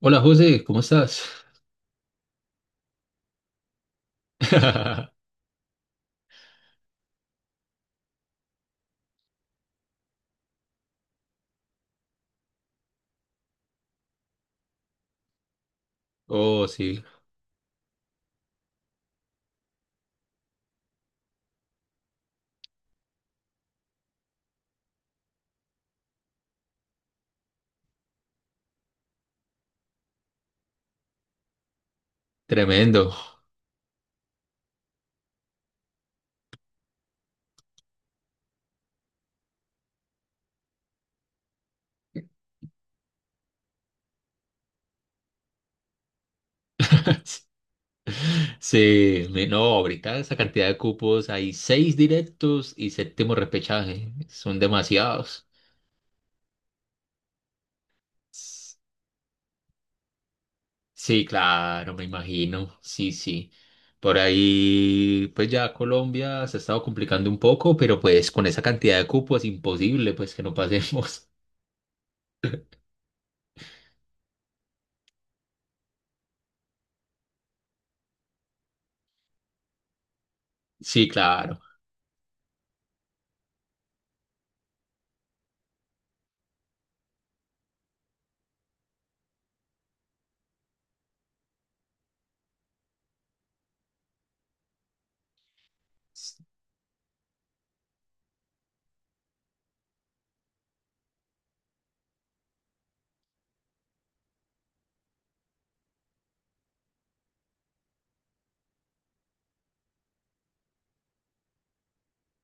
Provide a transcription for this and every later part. Hola José, ¿cómo estás? Oh, sí, tremendo. Sí, no, ahorita esa cantidad de cupos, hay seis directos y séptimo repechaje, son demasiados. S- Sí, claro, me imagino, sí, sí. Por ahí, pues ya Colombia se ha estado complicando un poco, pero pues con esa cantidad de cupos imposible, pues que no pasemos. Sí, claro.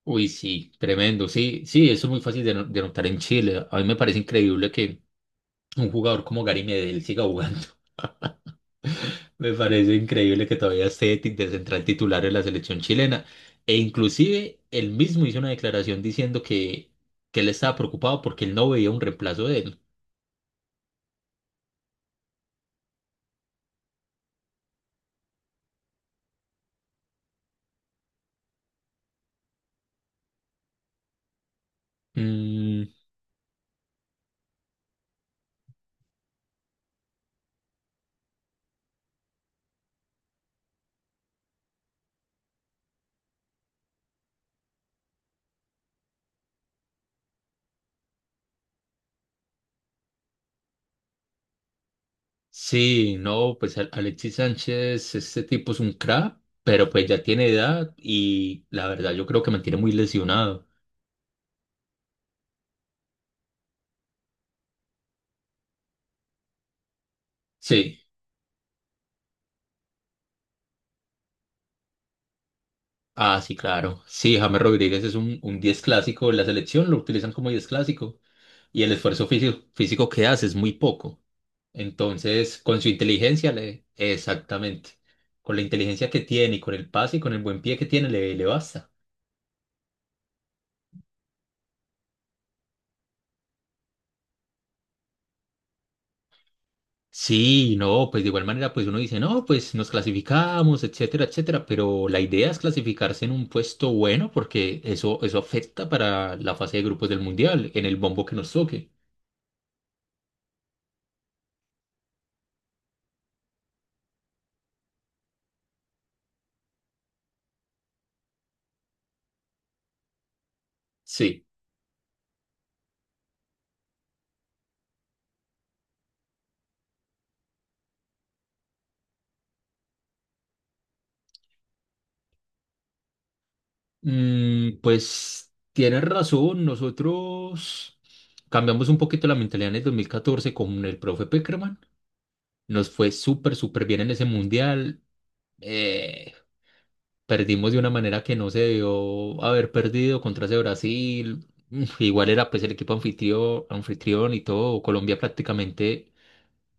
Uy, sí, tremendo. Sí, sí, eso es muy fácil de, no- de notar en Chile. A mí me parece increíble que un jugador como Gary Medel siga jugando. Me parece increíble que todavía esté de central titular en la selección chilena. E inclusive él mismo hizo una declaración diciendo que él estaba preocupado porque él no veía un reemplazo de él. Mm, sí, no, pues Alexis Sánchez, este tipo es un crack, pero pues ya tiene edad y la verdad yo creo que mantiene muy lesionado. Sí. Ah, sí, claro. Sí, James Rodríguez es un 10 clásico de la selección, lo utilizan como 10 clásico y el esfuerzo físico que hace es muy poco. Entonces, con su inteligencia, exactamente, con la inteligencia que tiene y con el pase y con el buen pie que tiene, le basta. Sí, no, pues de igual manera, pues uno dice, no, pues nos clasificamos, etcétera, etcétera, pero la idea es clasificarse en un puesto bueno porque eso afecta para la fase de grupos del Mundial, en el bombo que nos toque. Sí. Pues tienes razón, nosotros cambiamos un poquito la mentalidad en el 2014, con el profe Peckerman. Nos fue súper, súper bien en ese mundial. Eh, perdimos de una manera que no se debió haber perdido contra ese Brasil. Igual era pues el equipo anfitrión y todo. Colombia prácticamente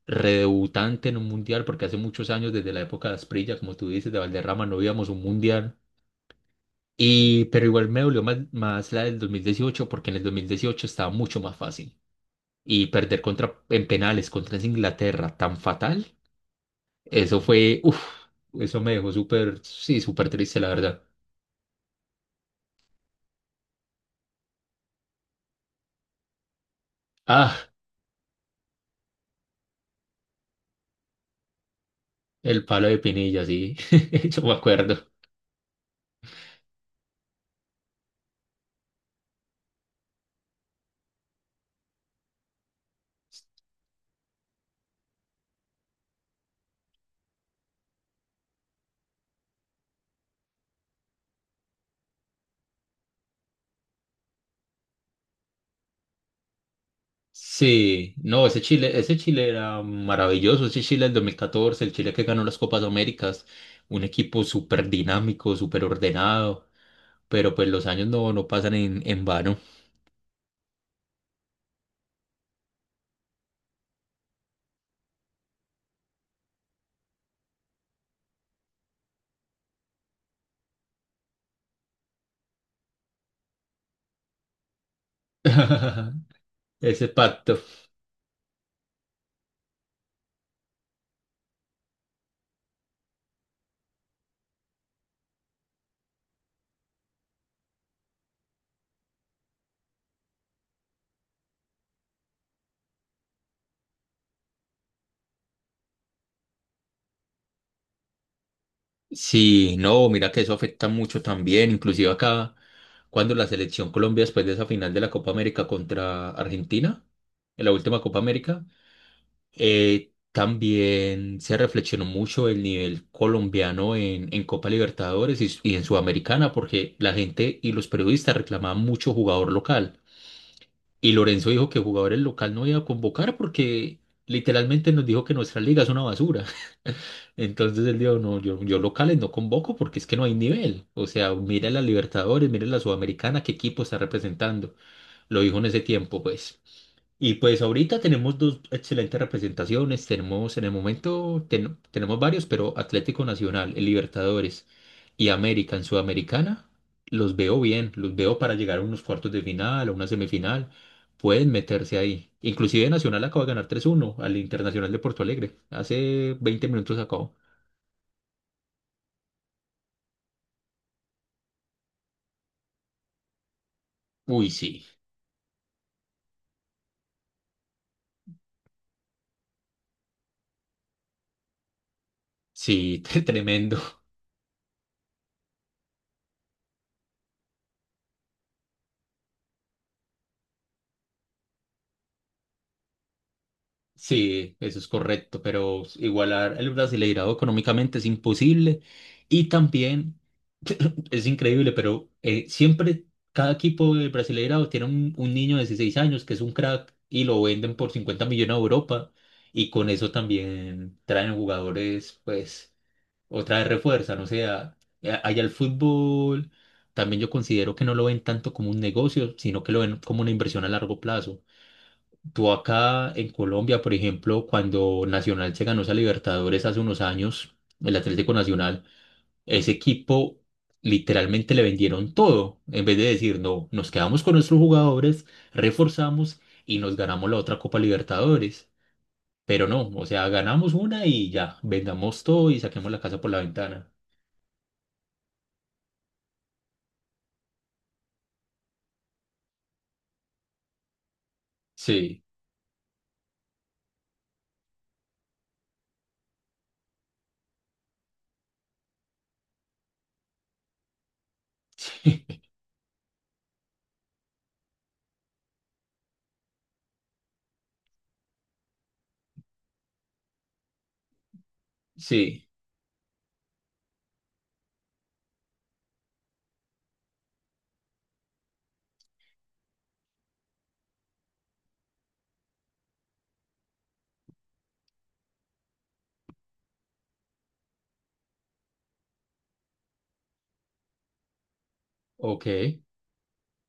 redebutante en un mundial porque hace muchos años, desde la época de Asprilla, como tú dices, de Valderrama, no íbamos a un mundial. Y, pero igual me dolió más, más la del 2018 porque en el 2018 estaba mucho más fácil. Y perder contra, en penales contra esa Inglaterra tan fatal, eso fue, uff, eso me dejó súper, sí, súper triste, la verdad. Ah, el palo de Pinilla, sí, yo me acuerdo. Sí, no, ese Chile era maravilloso, ese Chile del 2014, el Chile que ganó las Copas Américas, un equipo súper dinámico, súper ordenado, pero pues los años no pasan en vano. Ese pacto. Sí, no, mira que eso afecta mucho también, inclusive acá, cuando la selección Colombia, después de esa final de la Copa América contra Argentina, en la última Copa América, también se reflexionó mucho el nivel colombiano en Copa Libertadores y en Sudamericana, porque la gente y los periodistas reclamaban mucho jugador local. Y Lorenzo dijo que jugadores local no iba a convocar porque literalmente nos dijo que nuestra liga es una basura. Entonces él dijo, no, yo locales no convoco porque es que no hay nivel. O sea, mira la Libertadores, mira la Sudamericana, qué equipo está representando. Lo dijo en ese tiempo, pues. Y pues ahorita tenemos dos excelentes representaciones. Tenemos en el momento, tenemos varios, pero Atlético Nacional, el Libertadores y América en Sudamericana, los veo bien, los veo para llegar a unos cuartos de final, a una semifinal. Pueden meterse ahí. Inclusive Nacional acaba de ganar 3-1 al Internacional de Porto Alegre. Hace 20 minutos acabó. Uy, sí, sí, tremendo. Sí, eso es correcto, pero igualar el brasileirado económicamente es imposible y también es increíble, pero siempre cada equipo del brasileirado tiene un niño de 16 años que es un crack y lo venden por 50 millones a Europa y con eso también traen jugadores, pues, otra vez refuerzan, o sea, allá el fútbol. También yo considero que no lo ven tanto como un negocio, sino que lo ven como una inversión a largo plazo. Tú acá en Colombia, por ejemplo, cuando Nacional se ganó esa Libertadores hace unos años, el Atlético Nacional, ese equipo literalmente le vendieron todo. En vez de decir, no, nos quedamos con nuestros jugadores, reforzamos y nos ganamos la otra Copa Libertadores. Pero no, o sea, ganamos una y ya, vendamos todo y saquemos la casa por la ventana. Sí, sí, ok.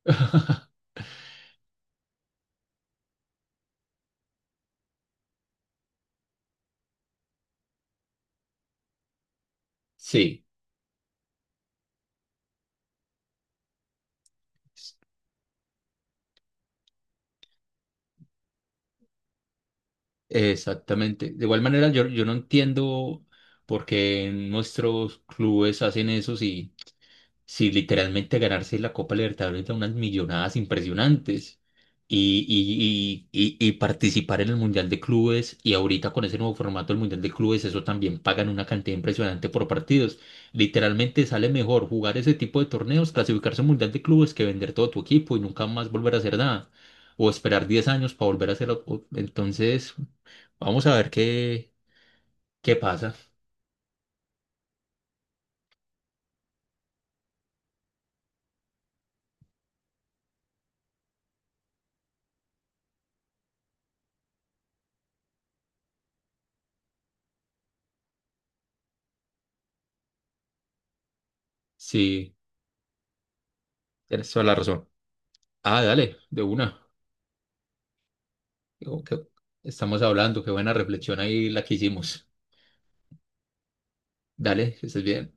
Sí. Exactamente. De igual manera, yo no entiendo por qué nuestros clubes hacen eso si literalmente ganarse la Copa Libertadores da unas millonadas impresionantes y, y participar en el Mundial de Clubes y ahorita con ese nuevo formato del Mundial de Clubes, eso también pagan una cantidad impresionante por partidos. Literalmente sale mejor jugar ese tipo de torneos, clasificarse al Mundial de Clubes que vender todo tu equipo y nunca más volver a hacer nada. O esperar 10 años para volver a hacerlo. Entonces, vamos a ver qué, qué pasa. Sí, tienes toda la razón. Ah, dale, de una. Digo, que estamos hablando, qué buena reflexión ahí la que hicimos. Dale, que estés bien.